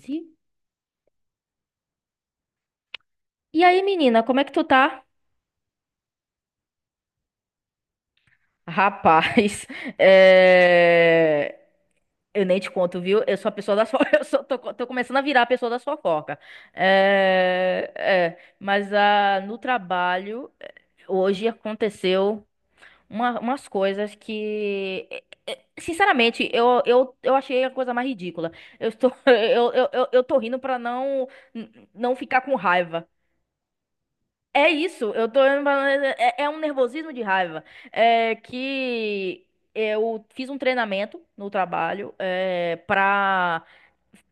Sim. E aí, menina, como é que tu tá? Rapaz, é, eu nem te conto, viu? Eu sou a pessoa da fo... eu sou... tô... co- tô começando a virar a pessoa da fofoca. Mas no trabalho, hoje aconteceu umas coisas que, sinceramente, eu achei a coisa mais ridícula. Eu... eu tô rindo pra não ficar com raiva. É isso, é um nervosismo de raiva. É que eu fiz um treinamento no trabalho pra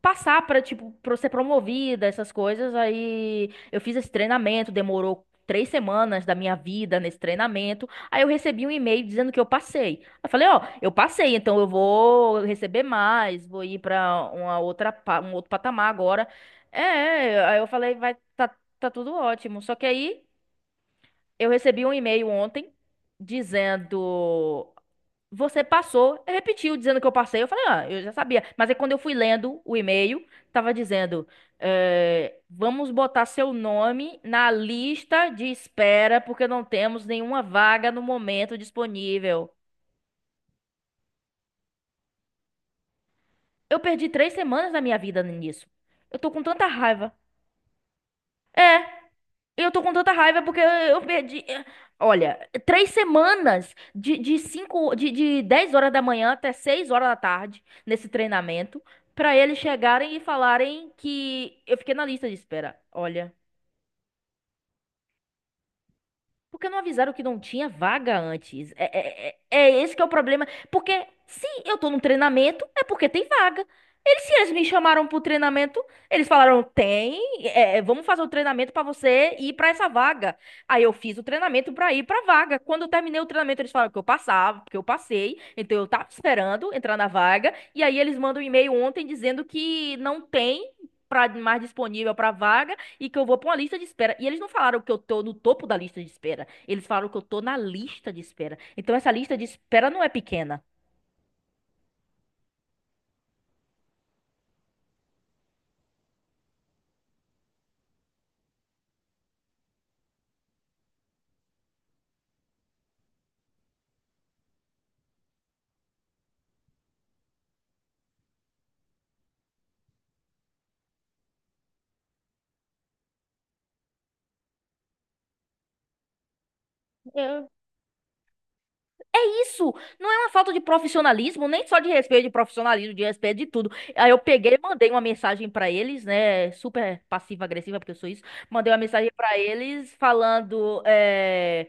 passar pra, tipo, pra ser promovida, essas coisas. Aí eu fiz esse treinamento, demorou 3 semanas da minha vida nesse treinamento. Aí eu recebi um e-mail dizendo que eu passei. Eu falei, ó, eu passei, então eu vou receber mais, vou ir pra um outro patamar agora. Aí eu falei, vai, tá, tá tudo ótimo. Só que aí, eu recebi um e-mail ontem dizendo: Você passou. Eu repetiu dizendo que eu passei. Eu falei: Ah, eu já sabia. Mas aí quando eu fui lendo o e-mail, tava dizendo: vamos botar seu nome na lista de espera porque não temos nenhuma vaga no momento disponível. Eu perdi 3 semanas da minha vida nisso. Eu tô com tanta raiva. Eu tô com tanta raiva porque eu perdi. Olha, 3 semanas de cinco, de 10 horas da manhã até 6 horas da tarde nesse treinamento, pra eles chegarem e falarem que eu fiquei na lista de espera. Olha. Porque não avisaram que não tinha vaga antes? É esse que é o problema. Porque se eu tô num treinamento, é porque tem vaga. Se eles me chamaram pro treinamento, eles falaram: tem, vamos fazer o treinamento pra você ir pra essa vaga. Aí eu fiz o treinamento pra ir pra vaga. Quando eu terminei o treinamento, eles falaram que eu passava, que eu passei. Então eu tava esperando entrar na vaga. E aí eles mandam um e-mail ontem dizendo que não tem mais disponível pra vaga e que eu vou pra uma lista de espera. E eles não falaram que eu tô no topo da lista de espera. Eles falaram que eu tô na lista de espera. Então essa lista de espera não é pequena. É isso, não é uma falta de profissionalismo, nem só de respeito de profissionalismo, de respeito de tudo. Aí eu peguei, mandei uma mensagem pra eles, né, super passiva-agressiva, porque eu sou isso. Mandei uma mensagem pra eles falando,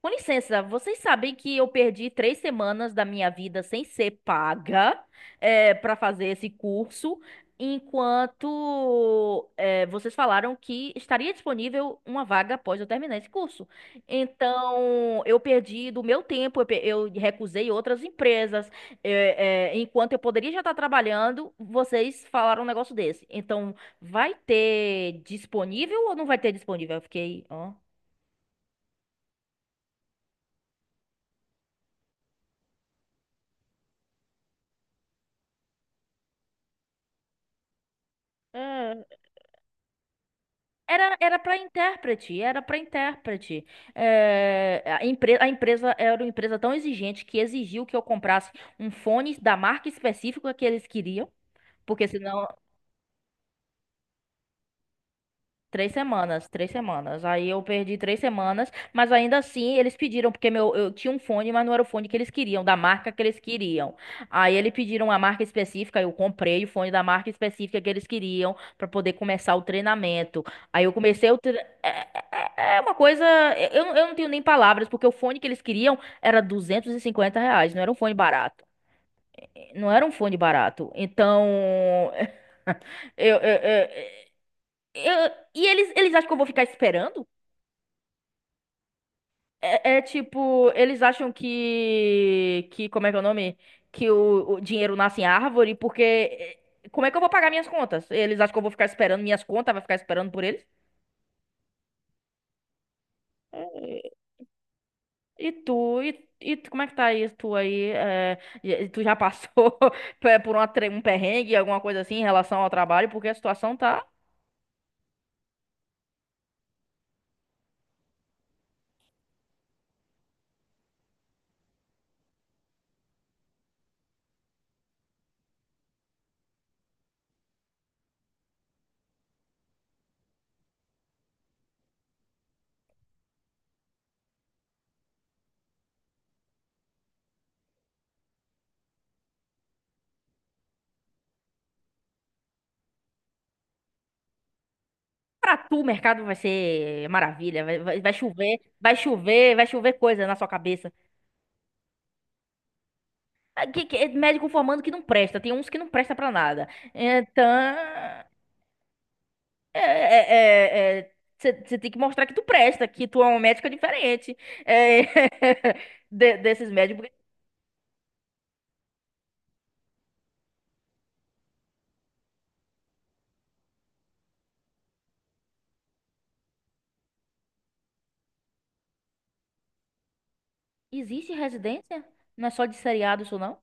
com licença, vocês sabem que eu perdi três semanas da minha vida sem ser paga, para fazer esse curso, enquanto, vocês falaram que estaria disponível uma vaga após eu terminar esse curso. Então, eu perdi do meu tempo, eu recusei outras empresas, enquanto eu poderia já estar trabalhando, vocês falaram um negócio desse. Então, vai ter disponível ou não vai ter disponível? Eu fiquei, ó. É, era para intérprete, era para intérprete. A empresa era uma empresa tão exigente que exigiu que eu comprasse um fone da marca específica que eles queriam, porque senão. 3 semanas, 3 semanas. Aí eu perdi 3 semanas, mas ainda assim eles pediram, porque meu, eu tinha um fone, mas não era o fone que eles queriam, da marca que eles queriam. Aí eles pediram a marca específica, eu comprei o fone da marca específica que eles queriam pra poder começar o treinamento. Aí eu comecei o tre... É é- é uma coisa. Eu não tenho nem palavras, porque o fone que eles queriam era R$ 250, não era um fone barato. Não era um fone barato. Então. Eu, eu, eu, E eles acham que eu vou ficar esperando? É tipo, eles acham que, como é que é o nome? Que o dinheiro nasce em árvore, porque como é que eu vou pagar minhas contas? Eles acham que eu vou ficar esperando minhas contas, vai ficar esperando por eles? Eh, E tu, e, e tu, como é que tá isso tu aí? Tu já passou por um perrengue, alguma coisa assim em relação ao trabalho? Porque a situação tá. Pra tu, o mercado vai ser maravilha, vai, vai, vai chover, vai chover, vai chover coisa na sua cabeça. Ah, é médico formando que não presta, tem uns que não presta pra nada. Então, é, você tem que mostrar que tu presta, que tu é uma médica diferente é, desses médicos. Existe residência? Não é só de seriado isso, não?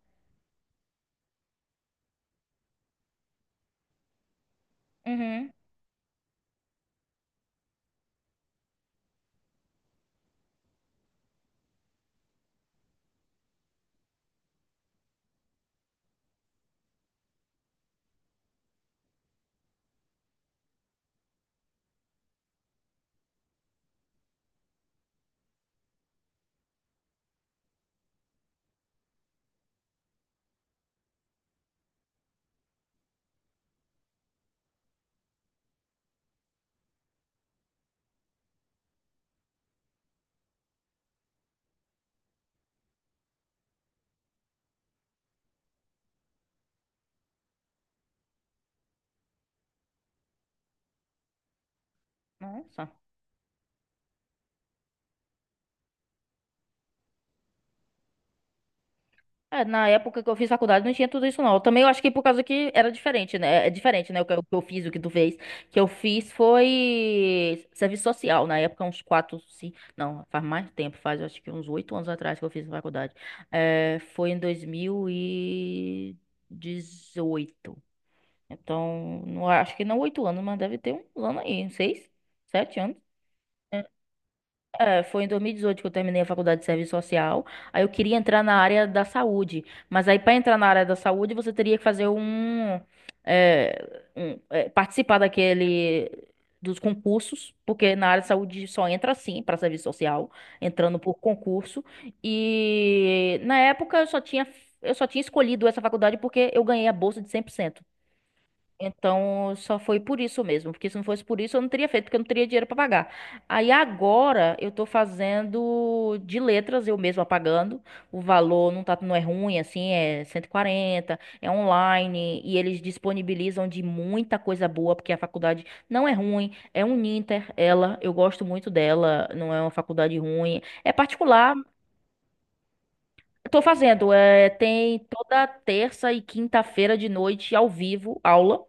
Uhum. Nossa. Na época que eu fiz faculdade não tinha tudo isso não. Também eu acho que por causa que era diferente, né? É diferente, né? O que eu fiz, o que tu fez. O que eu fiz foi serviço social. Na época, uns quatro, cinco. Não, faz mais tempo. Eu acho que uns 8 anos atrás que eu fiz faculdade. Foi em 2018. Então, não, acho que não 8 anos, mas deve ter uns anos aí. 6, 7 anos queria, foi em 2018 que eu terminei a faculdade de serviço social. Aí eu queria entrar na área da saúde, mas aí para entrar na área da saúde você teria que fazer é, participar daquele dos concursos, porque na área de saúde só entra assim para serviço social, entrando por concurso. E na época eu só tinha escolhido essa faculdade porque eu ganhei a bolsa de 100%. Então, só foi por isso mesmo, porque se não fosse por isso, eu não teria feito, porque eu não teria dinheiro para pagar. Aí agora eu tô fazendo de letras, eu mesma pagando. O valor não tá, não é ruim, assim, é 140, é online, e eles disponibilizam de muita coisa boa, porque a faculdade não é ruim, é um Uninter, ela, eu gosto muito dela, não é uma faculdade ruim, é particular. Tô fazendo, tem toda terça e quinta-feira de noite ao vivo aula.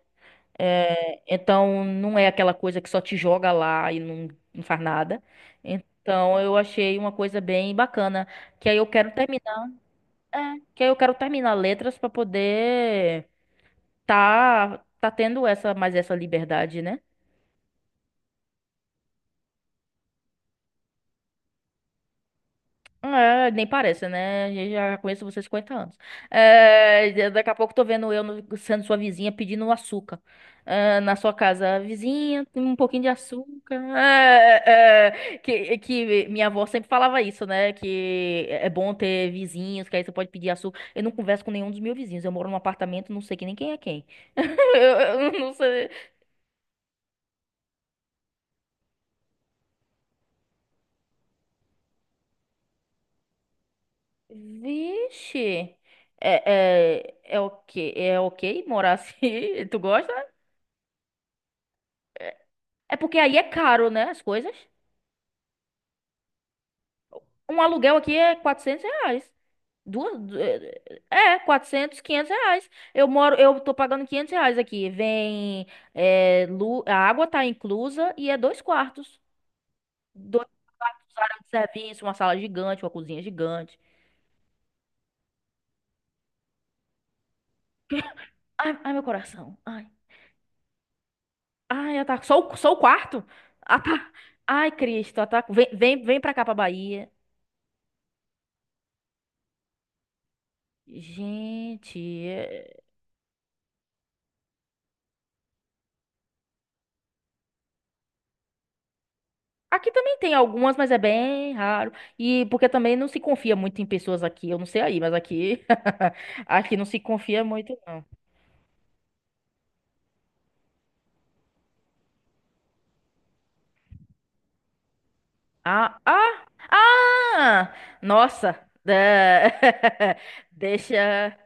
Então não é aquela coisa que só te joga lá e não, não faz nada. Então eu achei uma coisa bem bacana, que aí eu quero terminar, é, que aí eu quero terminar letras para poder tá tendo essa mais essa liberdade, né? Nem parece, né? Eu já conheço você há 50 anos. Daqui a pouco tô vendo eu no- sendo sua vizinha pedindo um açúcar, na sua casa. Vizinha, tem um pouquinho de açúcar. Que minha avó sempre falava isso, né? Que é bom ter vizinhos, que aí você pode pedir açúcar. Eu não converso com nenhum dos meus vizinhos. Eu moro num apartamento, não sei que nem quem é quem. Eu, eu não sei. Vixe. É ok morar assim? Tu gosta? É porque aí é caro, né? As coisas. Um aluguel aqui é R$ 400. Duas. Du- eh, eh, É, R$ 400, R$ 500. Eu tô pagando R$ 500 aqui. Vem. A água tá inclusa e é dois quartos. Dois quartos, área de serviço, uma sala gigante, uma cozinha gigante. Ai, ai, meu coração. Ai. Ai, ataco. Só o quarto? Ata... Ai, Cristo, ataco. Vem, vem, vem pra cá, pra Bahia. Gente. Aqui também tem algumas, mas é bem raro. E porque também não se confia muito em pessoas aqui. Eu não sei aí, mas aqui. Aqui não se confia muito, não. Ah, ah, ah! Nossa! Da- Deixa.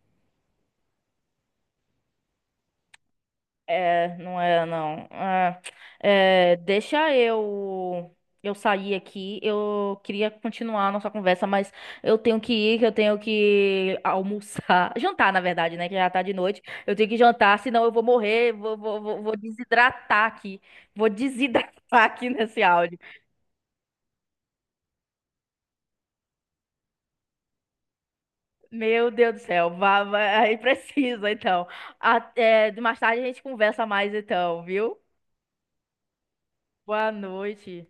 Não era não. Deixa eu sair aqui. Eu queria continuar a nossa conversa, mas eu tenho que ir, que eu tenho que almoçar, jantar, na verdade, né? Que já tá de noite. Eu tenho que jantar, senão eu vou morrer, vou desidratar aqui. Vou desidratar aqui nesse áudio. Meu Deus do céu, vá, vá, aí precisa, então. Até mais tarde a gente conversa mais, então, viu? Boa noite.